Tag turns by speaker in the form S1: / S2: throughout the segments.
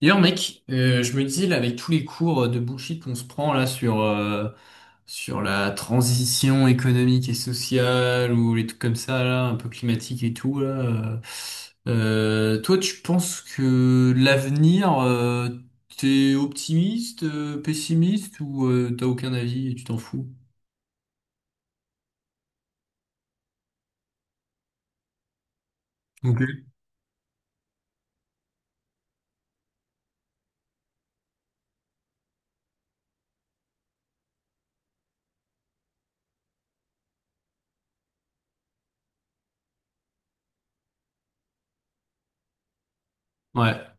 S1: D'ailleurs, mec, je me disais là avec tous les cours de bullshit qu'on se prend là sur la transition économique et sociale ou les trucs comme ça là, un peu climatique et tout là. Toi, tu penses que l'avenir, t'es optimiste, pessimiste ou t'as aucun avis et tu t'en fous? Ok. Ouais,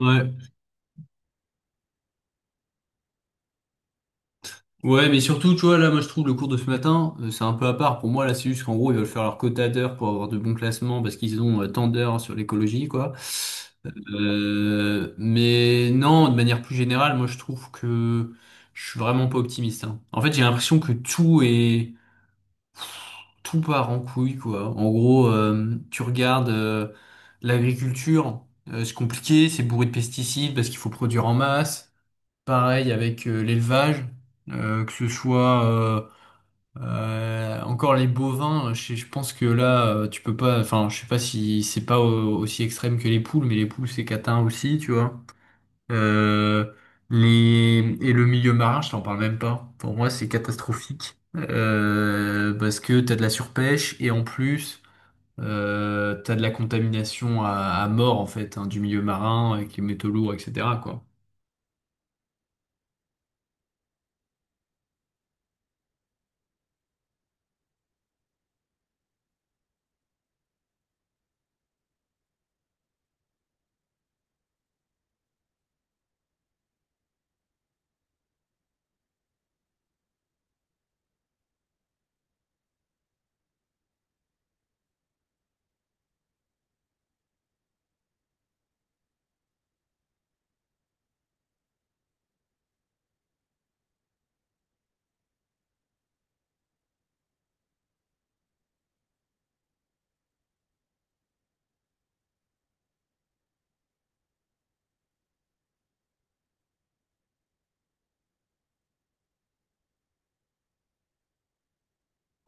S1: ouais. Ouais, mais surtout, tu vois, là, moi, je trouve le cours de ce matin, c'est un peu à part. Pour moi, là, c'est juste qu'en gros, ils veulent faire leur quota d'heures pour avoir de bons classements parce qu'ils ont tant d'heures sur l'écologie, quoi. Mais non, de manière plus générale, moi, je trouve que je suis vraiment pas optimiste, hein. En fait, j'ai l'impression que tout part en couille, quoi. En gros, tu regardes l'agriculture, c'est compliqué, c'est bourré de pesticides parce qu'il faut produire en masse. Pareil avec l'élevage, que ce soit encore les bovins, euh, je pense que là tu peux pas, enfin je sais pas si c'est pas aussi extrême que les poules, mais les poules c'est catin aussi, tu vois. Euh, les et le milieu marin, je t'en parle même pas. Pour moi c'est catastrophique parce que t'as de la surpêche et en plus t'as de la à mort en fait hein, du milieu marin avec les métaux lourds, etc. quoi.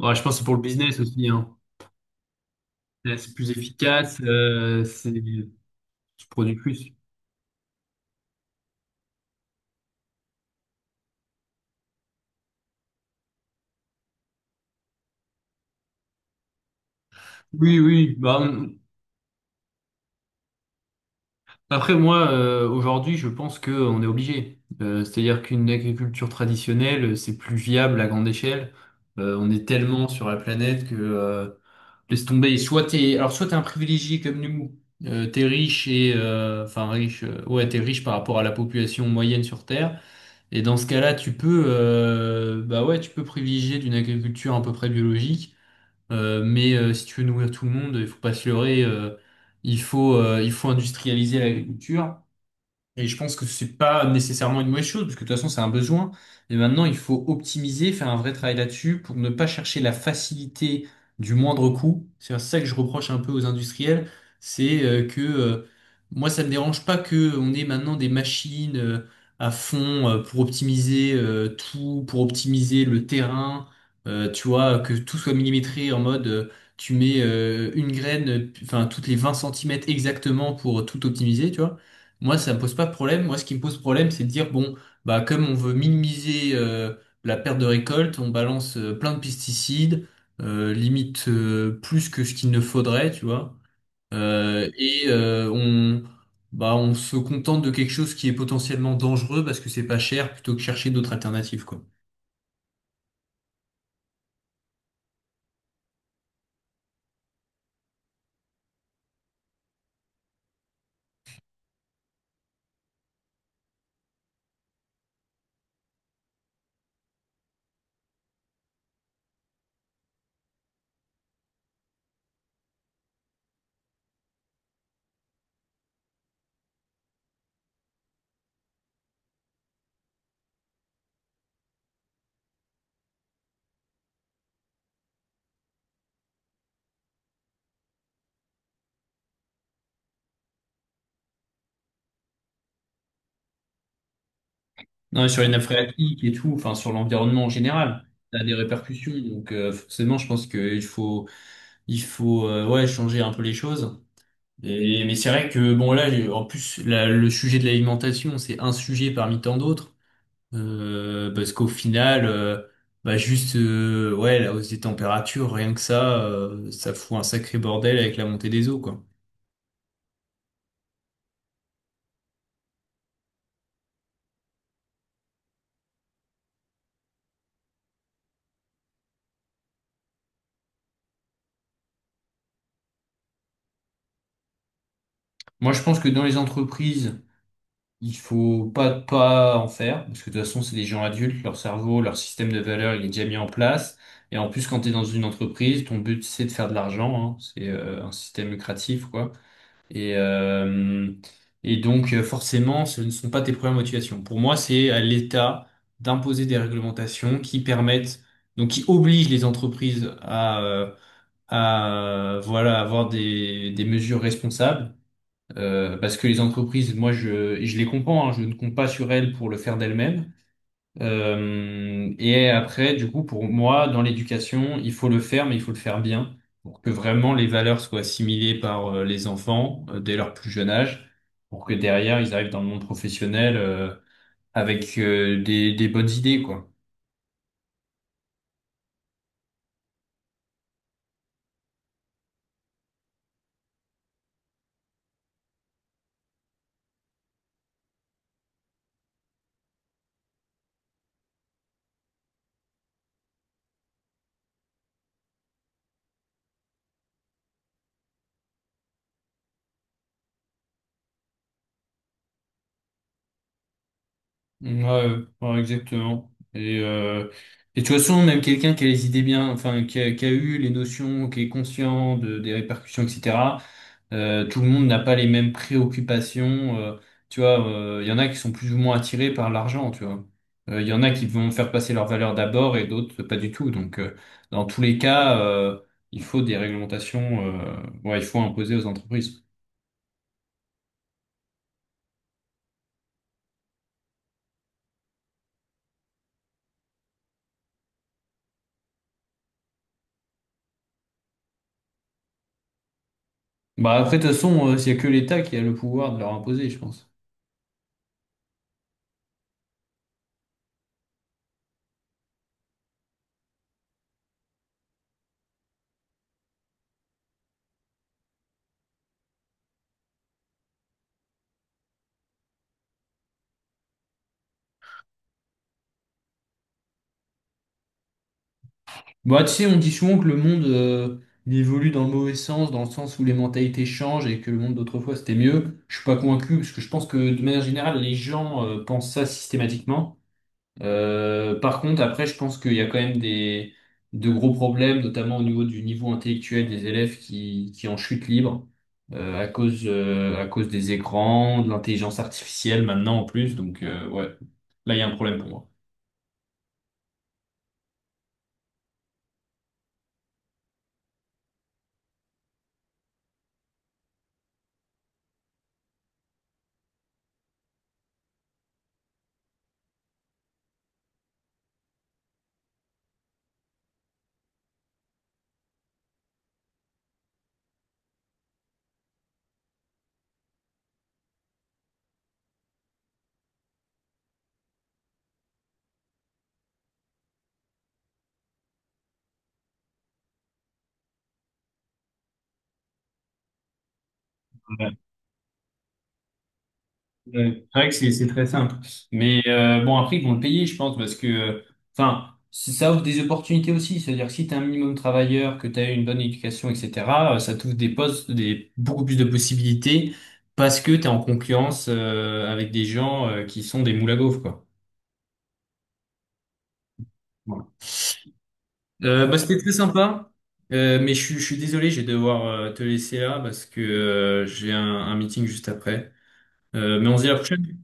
S1: Ouais, je pense que c'est pour le business aussi, hein. Là, c'est plus efficace, tu produis plus. Oui, oui. Après, moi, aujourd'hui, je pense qu'on est obligé. C'est-à-dire qu'une agriculture traditionnelle, c'est plus viable à grande échelle. On est tellement sur la planète que, laisse tomber. Soit t'es un privilégié comme nous. T'es riche et, ouais, t'es riche par rapport à la population moyenne sur Terre. Et dans ce cas-là, tu peux, bah ouais, tu peux privilégier d'une agriculture à peu près biologique. Si tu veux nourrir tout le monde, il faut pas se leurrer, il faut industrialiser l'agriculture. Et je pense que c'est pas nécessairement une mauvaise chose, parce que de toute façon, c'est un besoin. Et maintenant, il faut optimiser, faire un vrai travail là-dessus pour ne pas chercher la facilité du moindre coût. C'est ça que je reproche un peu aux industriels. C'est que Moi, ça me dérange pas que on ait maintenant des machines à fond pour optimiser tout, pour optimiser le terrain. Tu vois, que tout soit millimétré en mode tu mets une graine, enfin toutes les 20 centimètres exactement pour tout optimiser, tu vois. Moi, ça me pose pas de problème. Moi, ce qui me pose problème, c'est de dire, bon, bah, comme on veut minimiser la perte de récolte, on balance plein de pesticides, limite plus que ce qu'il ne faudrait, tu vois. Euh, et euh, on, Bah, on se contente de quelque chose qui est potentiellement dangereux parce que c'est pas cher, plutôt que chercher d'autres alternatives, quoi. Non, et sur les nappes phréatiques et tout, enfin sur l'environnement en général, ça a des répercussions. Donc forcément, je pense qu'il faut, ouais, changer un peu les choses. Mais c'est vrai que bon là j'ai- en plus la- le sujet de l'alimentation c'est un sujet parmi tant d'autres. Parce qu'au final Bah juste ouais la hausse des températures rien que ça ça fout un sacré bordel avec la montée des eaux quoi. Moi je pense que dans les entreprises il faut pas en faire parce que de toute façon c'est des gens adultes, leur cerveau, leur système de valeurs il est déjà mis en place, et en plus quand tu es dans une entreprise ton but c'est de faire de l'argent hein. C'est un système lucratif quoi. Et, euh, Forcément, ce ne sont pas tes premières motivations. Pour moi, c'est à l'État d'imposer des réglementations qui permettent, donc qui obligent les entreprises à voilà, avoir des mesures responsables. Parce que les entreprises, et je les comprends, hein, je ne compte pas sur elles pour le faire d'elles-mêmes. Et après, du coup, pour moi, dans l'éducation, il faut le faire, mais il faut le faire bien pour que vraiment les valeurs soient assimilées par les enfants dès leur plus jeune âge, pour que derrière, ils arrivent dans le monde professionnel avec des bonnes idées, quoi. Ouais, ouais, exactement. Et de toute façon, même quelqu'un qui a les idées bien, enfin, qui a eu les notions, qui est conscient des répercussions, etc. Tout le monde n'a pas les mêmes préoccupations. Tu vois, il y en a qui sont plus ou moins attirés par l'argent, tu vois. Il y en a qui vont faire passer leurs valeurs d'abord et d'autres pas du tout. Donc, dans tous les cas, il faut des réglementations, ouais, il faut imposer aux entreprises. Bah, après, de toute façon, il y a que l'État qui a le pouvoir de leur imposer, je pense. Bah, tu sais, on dit souvent que le monde il évolue dans le mauvais sens, dans le sens où les mentalités changent et que le monde d'autrefois c'était mieux. Je suis pas convaincu parce que je pense que de manière générale, les gens pensent ça systématiquement. Par contre, après, je pense qu'il y a quand même des de gros problèmes, notamment au niveau du niveau intellectuel des élèves qui en chute libre à cause des écrans, de l'intelligence artificielle maintenant en plus. Donc ouais, là il y a un problème pour moi. Ouais, c'est vrai que c'est très simple. Mais bon, après, ils vont le payer, je pense, parce que enfin, ça offre des opportunités aussi. C'est-à-dire que si tu es un minimum travailleur, que tu as eu une bonne éducation, etc., ça t'ouvre beaucoup plus de possibilités parce que tu es en concurrence avec des gens qui sont des moules à gaufres, quoi. Voilà. Bah, c'était très sympa. Je suis désolé, je vais devoir te laisser là parce que j'ai un meeting juste après. Mais on se dit à la prochaine.